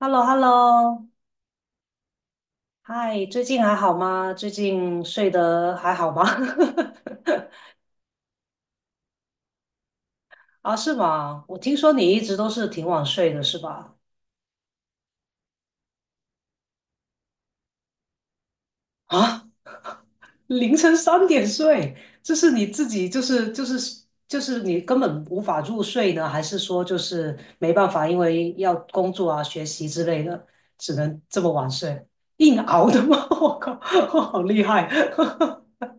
h e l l o h e l l o 嗨，最近还好吗？最近睡得还好吗？啊，是吗？我听说你一直都是挺晚睡的，是吧？啊，凌晨三点睡，这是你自己就是你根本无法入睡呢，还是说就是没办法，因为要工作啊、学习之类的，只能这么晚睡，硬熬的吗？我靠，好厉害！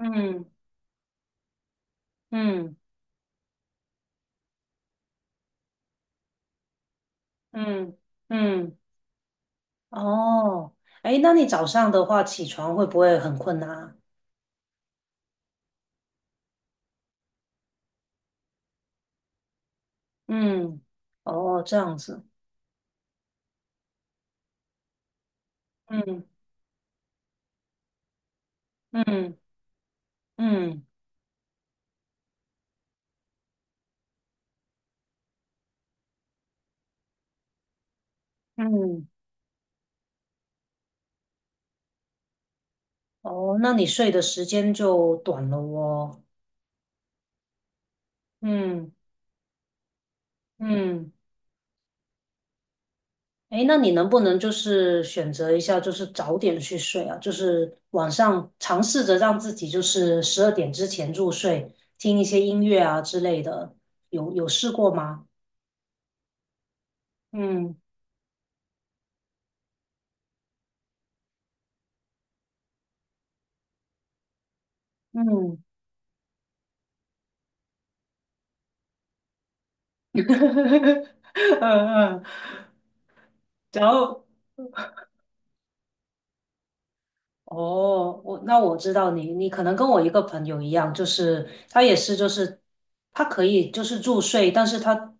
嗯嗯嗯嗯。哦，哎，那你早上的话起床会不会很困难啊？嗯，哦，这样子，嗯嗯嗯嗯，哦，那你睡的时间就短了哦。嗯嗯，哎，那你能不能就是选择一下，就是早点去睡啊？就是晚上尝试着让自己就是十二点之前入睡，听一些音乐啊之类的，有试过吗？嗯嗯 嗯嗯，然后哦，那我知道你，你可能跟我一个朋友一样，就是他也是，就是他可以就是入睡，但是他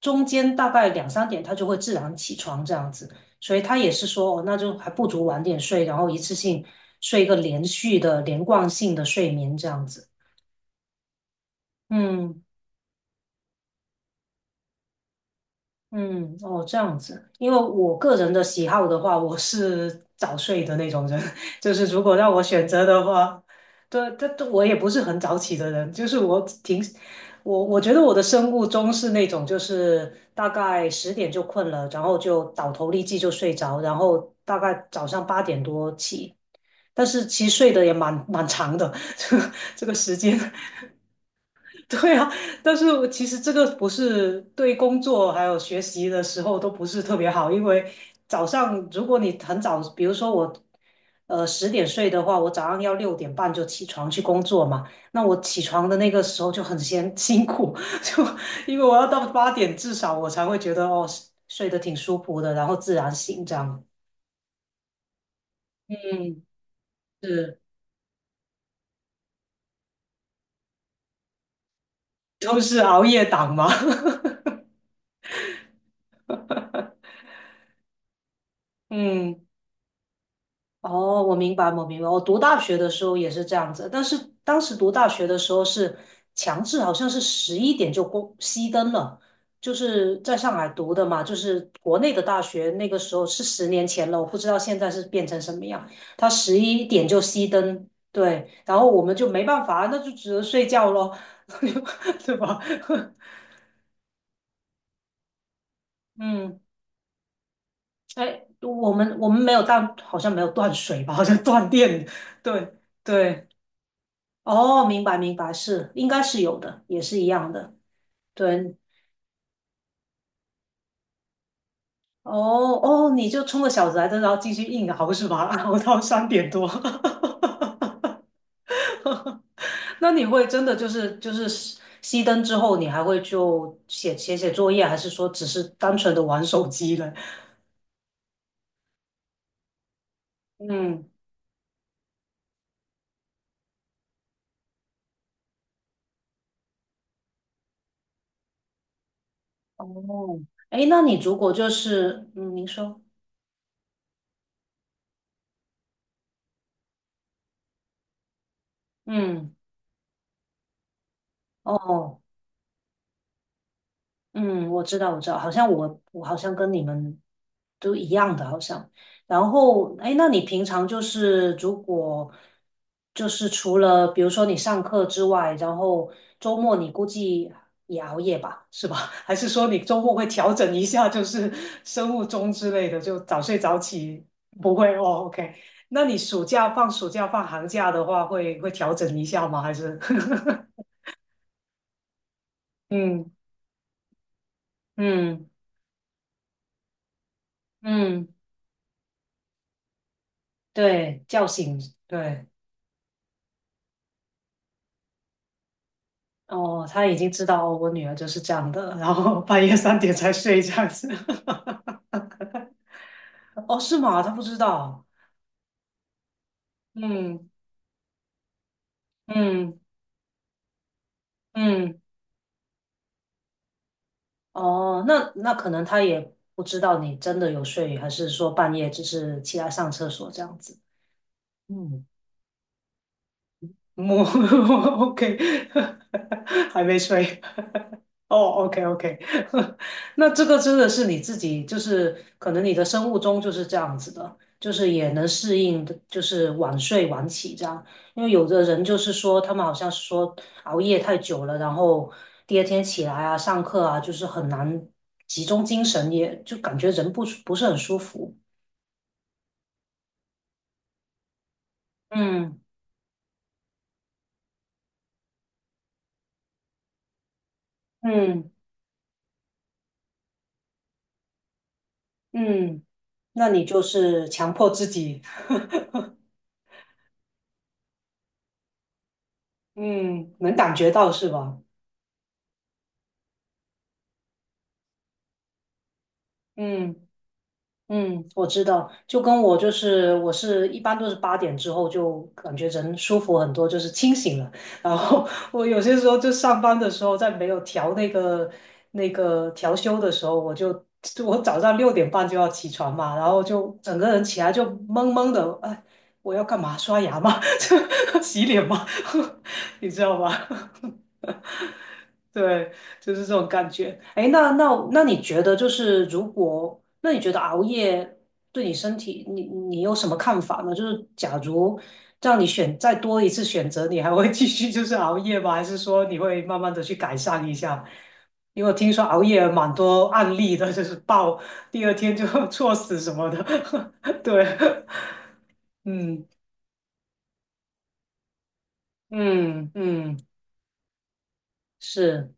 中间大概两三点他就会自然起床这样子，所以他也是说，哦，那就还不如晚点睡，然后一次性睡一个连续的连贯性的睡眠这样子。嗯嗯，哦，这样子，因为我个人的喜好的话，我是早睡的那种人，就是如果让我选择的话，对，但我也不是很早起的人，就是我挺，我觉得我的生物钟是那种，就是大概十点就困了，然后就倒头立即就睡着，然后大概早上八点多起，但是其实睡得也蛮长的，这个时间，对啊，但是我其实这个不是对工作还有学习的时候都不是特别好，因为早上如果你很早，比如说我，十点睡的话，我早上要六点半就起床去工作嘛，那我起床的那个时候就很先 辛苦，就因为我要到八点至少我才会觉得哦睡得挺舒服的，然后自然醒这样。嗯，是，都是熬夜党嘛。嗯。哦，我明白，我明白。我读大学的时候也是这样子，但是当时读大学的时候是强制，好像是十一点就关熄灯了。就是在上海读的嘛，就是国内的大学，那个时候是十年前了，我不知道现在是变成什么样。他十一点就熄灯，对，然后我们就没办法，那就只能睡觉咯，对吧？嗯，哎，我们没有断，好像没有断水吧，好像断电，对对。哦，明白明白，是应该是有的，也是一样的。对，哦哦，你就冲个小子来着，然后继续硬熬是吧？熬到三点多。那你会真的就是熄灯之后，你还会就写作业，还是说只是单纯的玩手机呢？嗯，哦，哎，那你如果就是嗯，您说，嗯。哦。嗯，我知道，我知道，好像我好像跟你们都一样的，好像。然后，哎，那你平常就是如果就是除了比如说你上课之外，然后周末你估计也熬夜吧，是吧？还是说你周末会调整一下，就是生物钟之类的，就早睡早起？不会哦，OK。那你暑假放暑假放寒假的话，会调整一下吗？还是？嗯嗯嗯。对，叫醒，对，哦，他已经知道哦我女儿就是这样的，然后半夜三点才睡这样子。哦，是吗？他不知道。嗯嗯嗯，哦，那那可能他也不知道你真的有睡，还是说半夜只是起来上厕所这样子。嗯，我 OK，还没睡。哦，OK OK，那这个真的是你自己，就是可能你的生物钟就是这样子的，就是也能适应的，就是晚睡晚起这样。因为有的人就是说，他们好像是说熬夜太久了，然后第二天起来啊，上课啊，就是很难集中精神，也就感觉人不是很舒服。嗯嗯嗯，那你就是强迫自己，嗯，能感觉到是吧？嗯。嗯，我知道，就跟我就是我是一般都是八点之后就感觉人舒服很多，就是清醒了。然后 我有些时候就上班的时候，在没有调那个调休的时候，我就就我早上六点半就要起床嘛，然后就整个人起来就懵懵的，哎，我要干嘛？刷牙吗？洗脸吗？你知道吗？对，就是这种感觉。哎，那你觉得就是如果，那你觉得熬夜对你身体，你有什么看法呢？就是假如让你选再多一次选择，你还会继续就是熬夜吗？还是说你会慢慢的去改善一下？因为我听说熬夜蛮多案例的，就是爆第二天就 猝死什么的。对，嗯嗯嗯，是，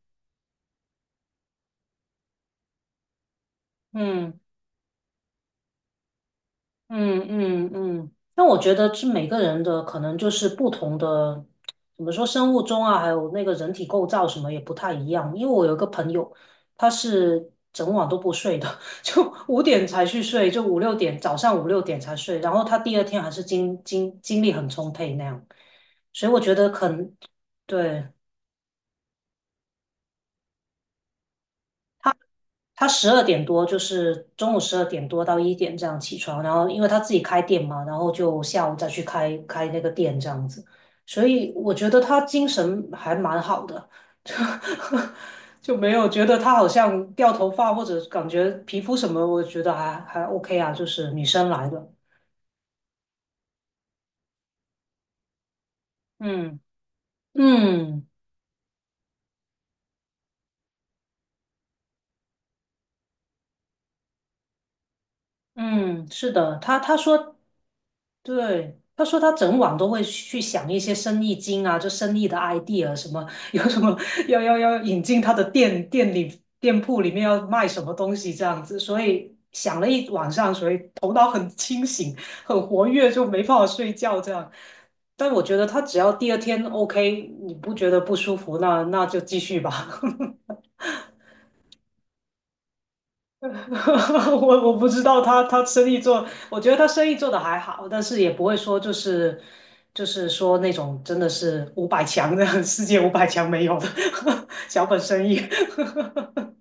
嗯。嗯嗯嗯，那我觉得是每个人的可能就是不同的，怎么说生物钟啊，还有那个人体构造什么也不太一样。因为我有一个朋友，他是整晚都不睡的，就五点才去睡，就五六点早上五六点才睡，然后他第二天还是精力很充沛那样。所以我觉得可能对。他。他十二点多，就是中午十二点多到一点这样起床，然后因为他自己开店嘛，然后就下午再去开那个店这样子，所以我觉得他精神还蛮好的，就就没有觉得他好像掉头发或者感觉皮肤什么，我觉得还还 OK 啊，就是女生来的，嗯嗯嗯，是的，他说对，他说他整晚都会去想一些生意经啊，就生意的 idea 什么，有什么要引进他的店铺里面要卖什么东西这样子，所以想了一晚上，所以头脑很清醒，很活跃，就没办法睡觉这样。但我觉得他只要第二天 OK，你不觉得不舒服，那就继续吧。我不知道他生意做，我觉得他生意做的还好，但是也不会说就是说那种真的是五百强的 世界五百强没有的 小本生意。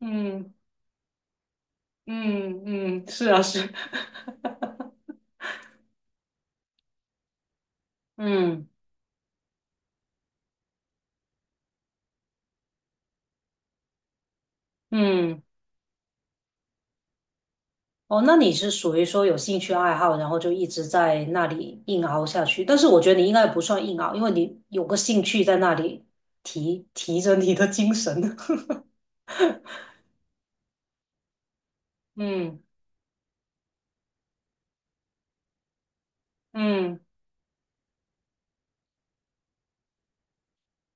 嗯嗯嗯，是啊是，嗯嗯，哦，那你是属于说有兴趣爱好，然后就一直在那里硬熬下去。但是我觉得你应该不算硬熬，因为你有个兴趣在那里提着你的精神。嗯嗯。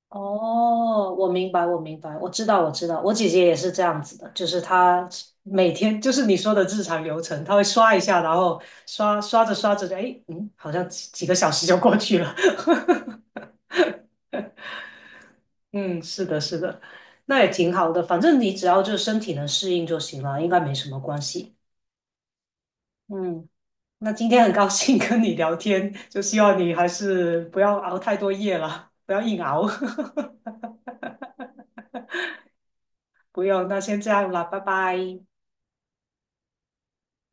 哦，我明白，我明白，我知道，我知道，我姐姐也是这样子的，就是她每天就是你说的日常流程，她会刷一下，然后刷着刷着就，哎，嗯，好像几个小时就过去了。嗯，是的，是的，那也挺好的，反正你只要就是身体能适应就行了，应该没什么关系。嗯，那今天很高兴 跟你聊天，就希望你还是不要熬太多夜了，不要硬熬。不用，那先这样了，拜拜。